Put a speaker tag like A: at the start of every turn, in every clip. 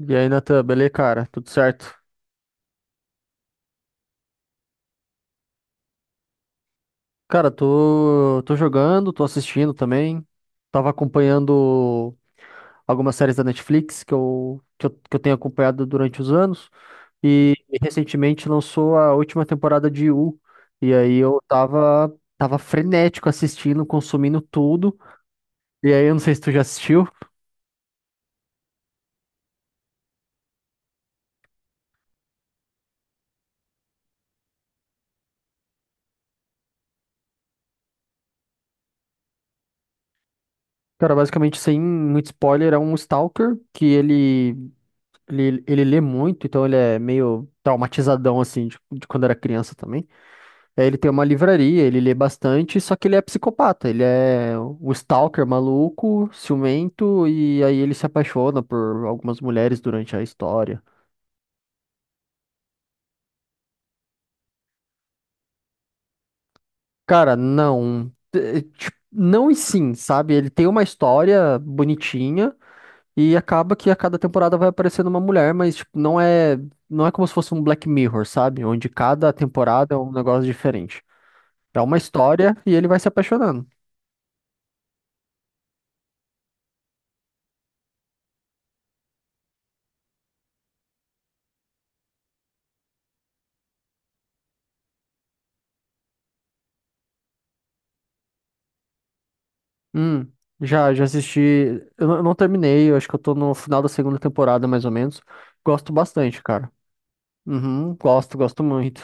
A: E aí, Natan, beleza, cara? Tudo certo? Cara, tô jogando, tô assistindo também. Tava acompanhando algumas séries da Netflix que eu tenho acompanhado durante os anos. E recentemente lançou a última temporada de U. E aí eu tava frenético assistindo, consumindo tudo. E aí, eu não sei se tu já assistiu. Cara, basicamente, sem muito spoiler, é um stalker que ele lê muito, então ele é meio traumatizadão, assim, de quando era criança também. É, ele tem uma livraria, ele lê bastante, só que ele é psicopata. Ele é um stalker maluco, ciumento, e aí ele se apaixona por algumas mulheres durante a história. Cara, não. É, tipo, não e sim, sabe? Ele tem uma história bonitinha e acaba que a cada temporada vai aparecendo uma mulher, mas tipo, não é como se fosse um Black Mirror, sabe? Onde cada temporada é um negócio diferente. É uma história e ele vai se apaixonando. Hum, já assisti. Eu não terminei, eu acho que eu tô no final da segunda temporada, mais ou menos. Gosto bastante, cara. Uhum, gosto muito.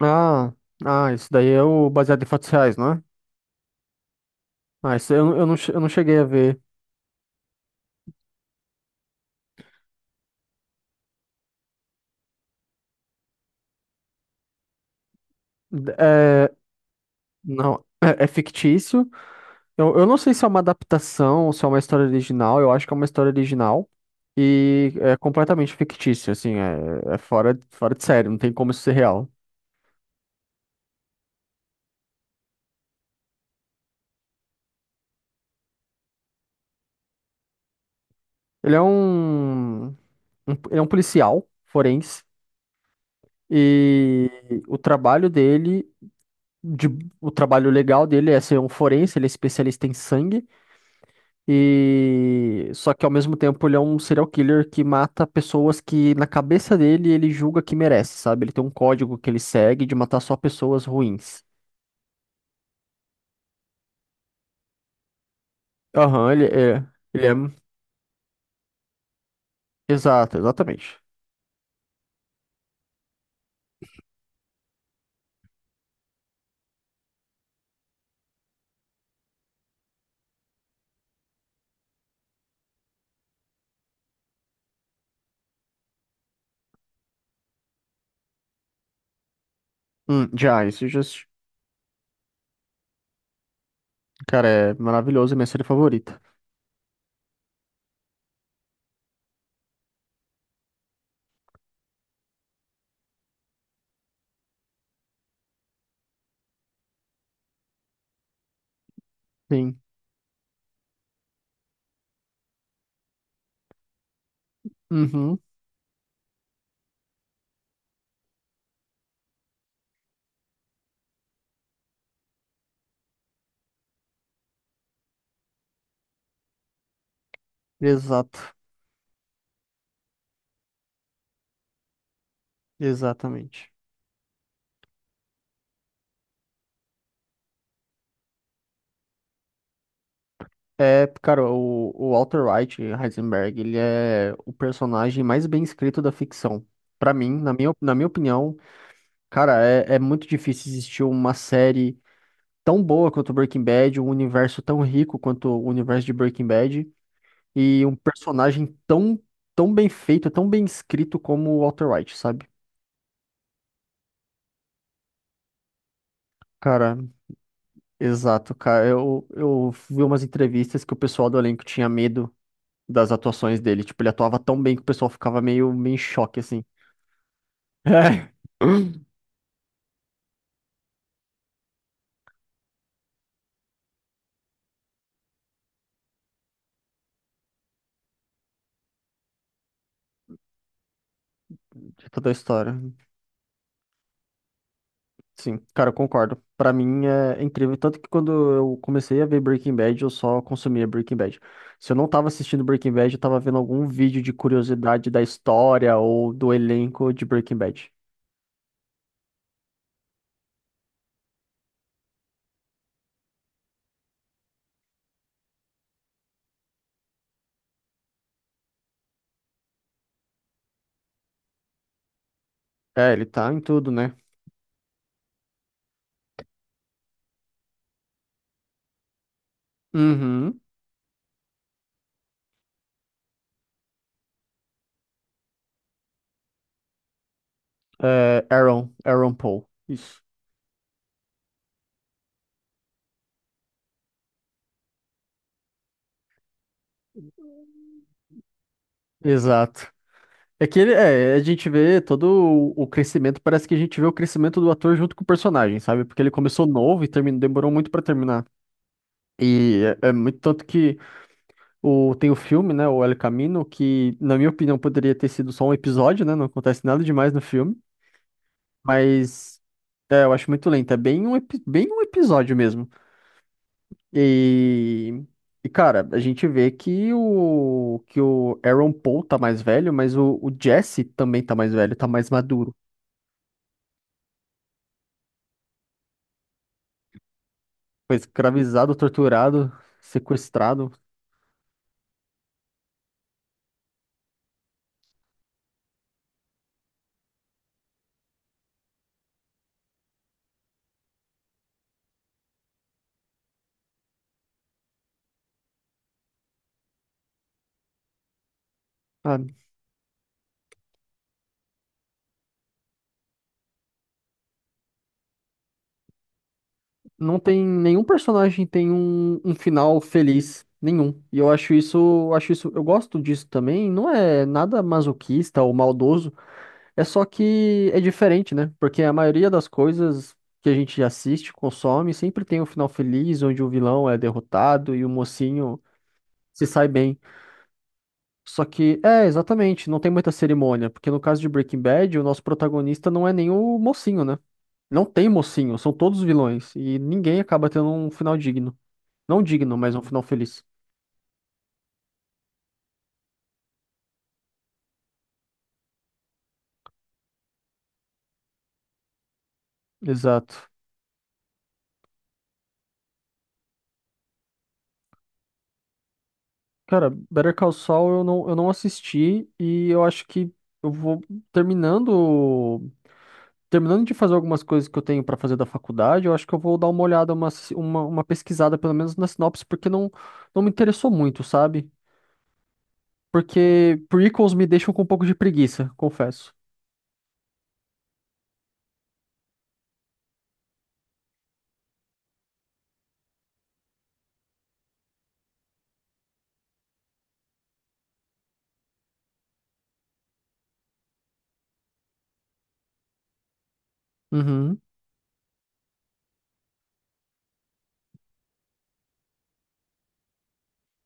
A: Ah, ah, isso daí é o baseado em fatos reais, não é? Ah, isso eu não cheguei a ver. É, não, é fictício. Eu não sei se é uma adaptação ou se é uma história original, eu acho que é uma história original. E é completamente fictício, assim, é fora, fora de série, não tem como isso ser real. Ele é um. Ele é um policial forense e o trabalho dele, de- o trabalho legal dele é ser um forense, ele é especialista em sangue e só que ao mesmo tempo ele é um serial killer que mata pessoas que na cabeça dele ele julga que merece, sabe? Ele tem um código que ele segue de matar só pessoas ruins. Aham, ele é, exato, exatamente. Já, isso já, cara, é maravilhoso, é minha série favorita. Sim. Uhum, exato, exatamente. É, cara, o Walter White, Heisenberg, ele é o personagem mais bem escrito da ficção. Pra mim, na minha opinião, cara, é muito difícil existir uma série tão boa quanto Breaking Bad, um universo tão rico quanto o universo de Breaking Bad, e um personagem tão bem feito, tão bem escrito como o Walter White, sabe? Cara, exato, cara. Eu vi umas entrevistas que o pessoal do elenco tinha medo das atuações dele. Tipo, ele atuava tão bem que o pessoal ficava meio em choque, assim. É, toda a história. Sim, cara, eu concordo. Pra mim é incrível. Tanto que quando eu comecei a ver Breaking Bad, eu só consumia Breaking Bad. Se eu não tava assistindo Breaking Bad, eu tava vendo algum vídeo de curiosidade da história ou do elenco de Breaking Bad. É, ele tá em tudo, né? Uhum. É, Aaron Paul. Isso. Exato. É que ele, é, a gente vê todo o crescimento, parece que a gente vê o crescimento do ator junto com o personagem, sabe? Porque ele começou novo e terminou, demorou muito pra terminar. E é muito tanto que tem o filme, né? O El Camino, que, na minha opinião, poderia ter sido só um episódio, né? Não acontece nada demais no filme. Mas é, eu acho muito lento. É bem um episódio mesmo. E, e, cara, a gente vê que o Aaron Paul tá mais velho, mas o Jesse também tá mais velho, tá mais maduro. Foi escravizado, torturado, sequestrado. Não tem nenhum personagem tem um final feliz, nenhum. E eu acho isso, eu gosto disso também, não é nada masoquista ou maldoso, é só que é diferente, né? Porque a maioria das coisas que a gente assiste, consome, sempre tem um final feliz onde o vilão é derrotado e o mocinho se sai bem. Só que, é, exatamente, não tem muita cerimônia, porque no caso de Breaking Bad, o nosso protagonista não é nem o mocinho, né? Não tem mocinho, são todos vilões, e ninguém acaba tendo um final digno. Não digno, mas um final feliz. Exato. Cara, Better Call Saul eu não assisti e eu acho que eu vou terminando terminando de fazer algumas coisas que eu tenho pra fazer da faculdade, eu acho que eu vou dar uma olhada, uma pesquisada pelo menos na sinopse, porque não me interessou muito, sabe? Porque prequels me deixam com um pouco de preguiça, confesso. Uhum,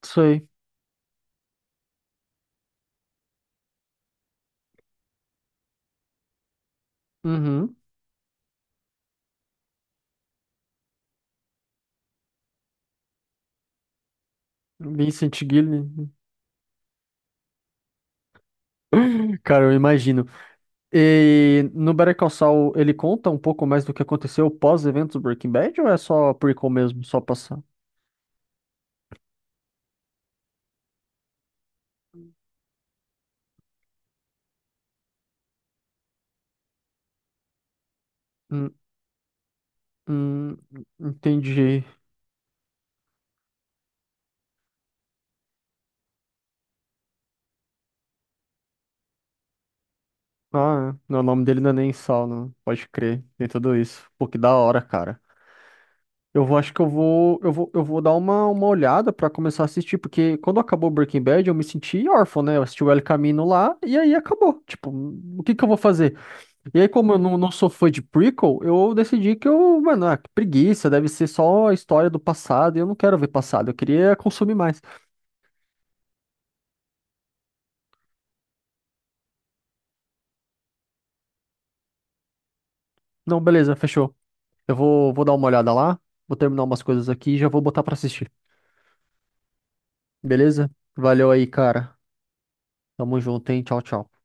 A: sei. Uhum. Vincent Gilligan. Cara, eu imagino. E no Better Call Saul, ele conta um pouco mais do que aconteceu pós-eventos do Breaking Bad ou é só prequel mesmo, só passar? Hum, hum, entendi. Ah, não, o nome dele não é nem Saul, não. Pode crer, tem tudo isso. Pô, que da hora, cara. Acho que eu vou dar uma olhada pra começar a assistir, porque quando acabou Breaking Bad, eu me senti órfão, né? Eu assisti o El Camino lá e aí acabou. Tipo, o que que eu vou fazer? E aí, como eu não sou fã de prequel, eu decidi que eu, mano, ah, que preguiça, deve ser só a história do passado, e eu não quero ver passado, eu queria consumir mais. Não, beleza, fechou. Eu vou dar uma olhada lá, vou terminar umas coisas aqui e já vou botar pra assistir. Beleza? Valeu aí, cara. Tamo junto, hein? Tchau, tchau.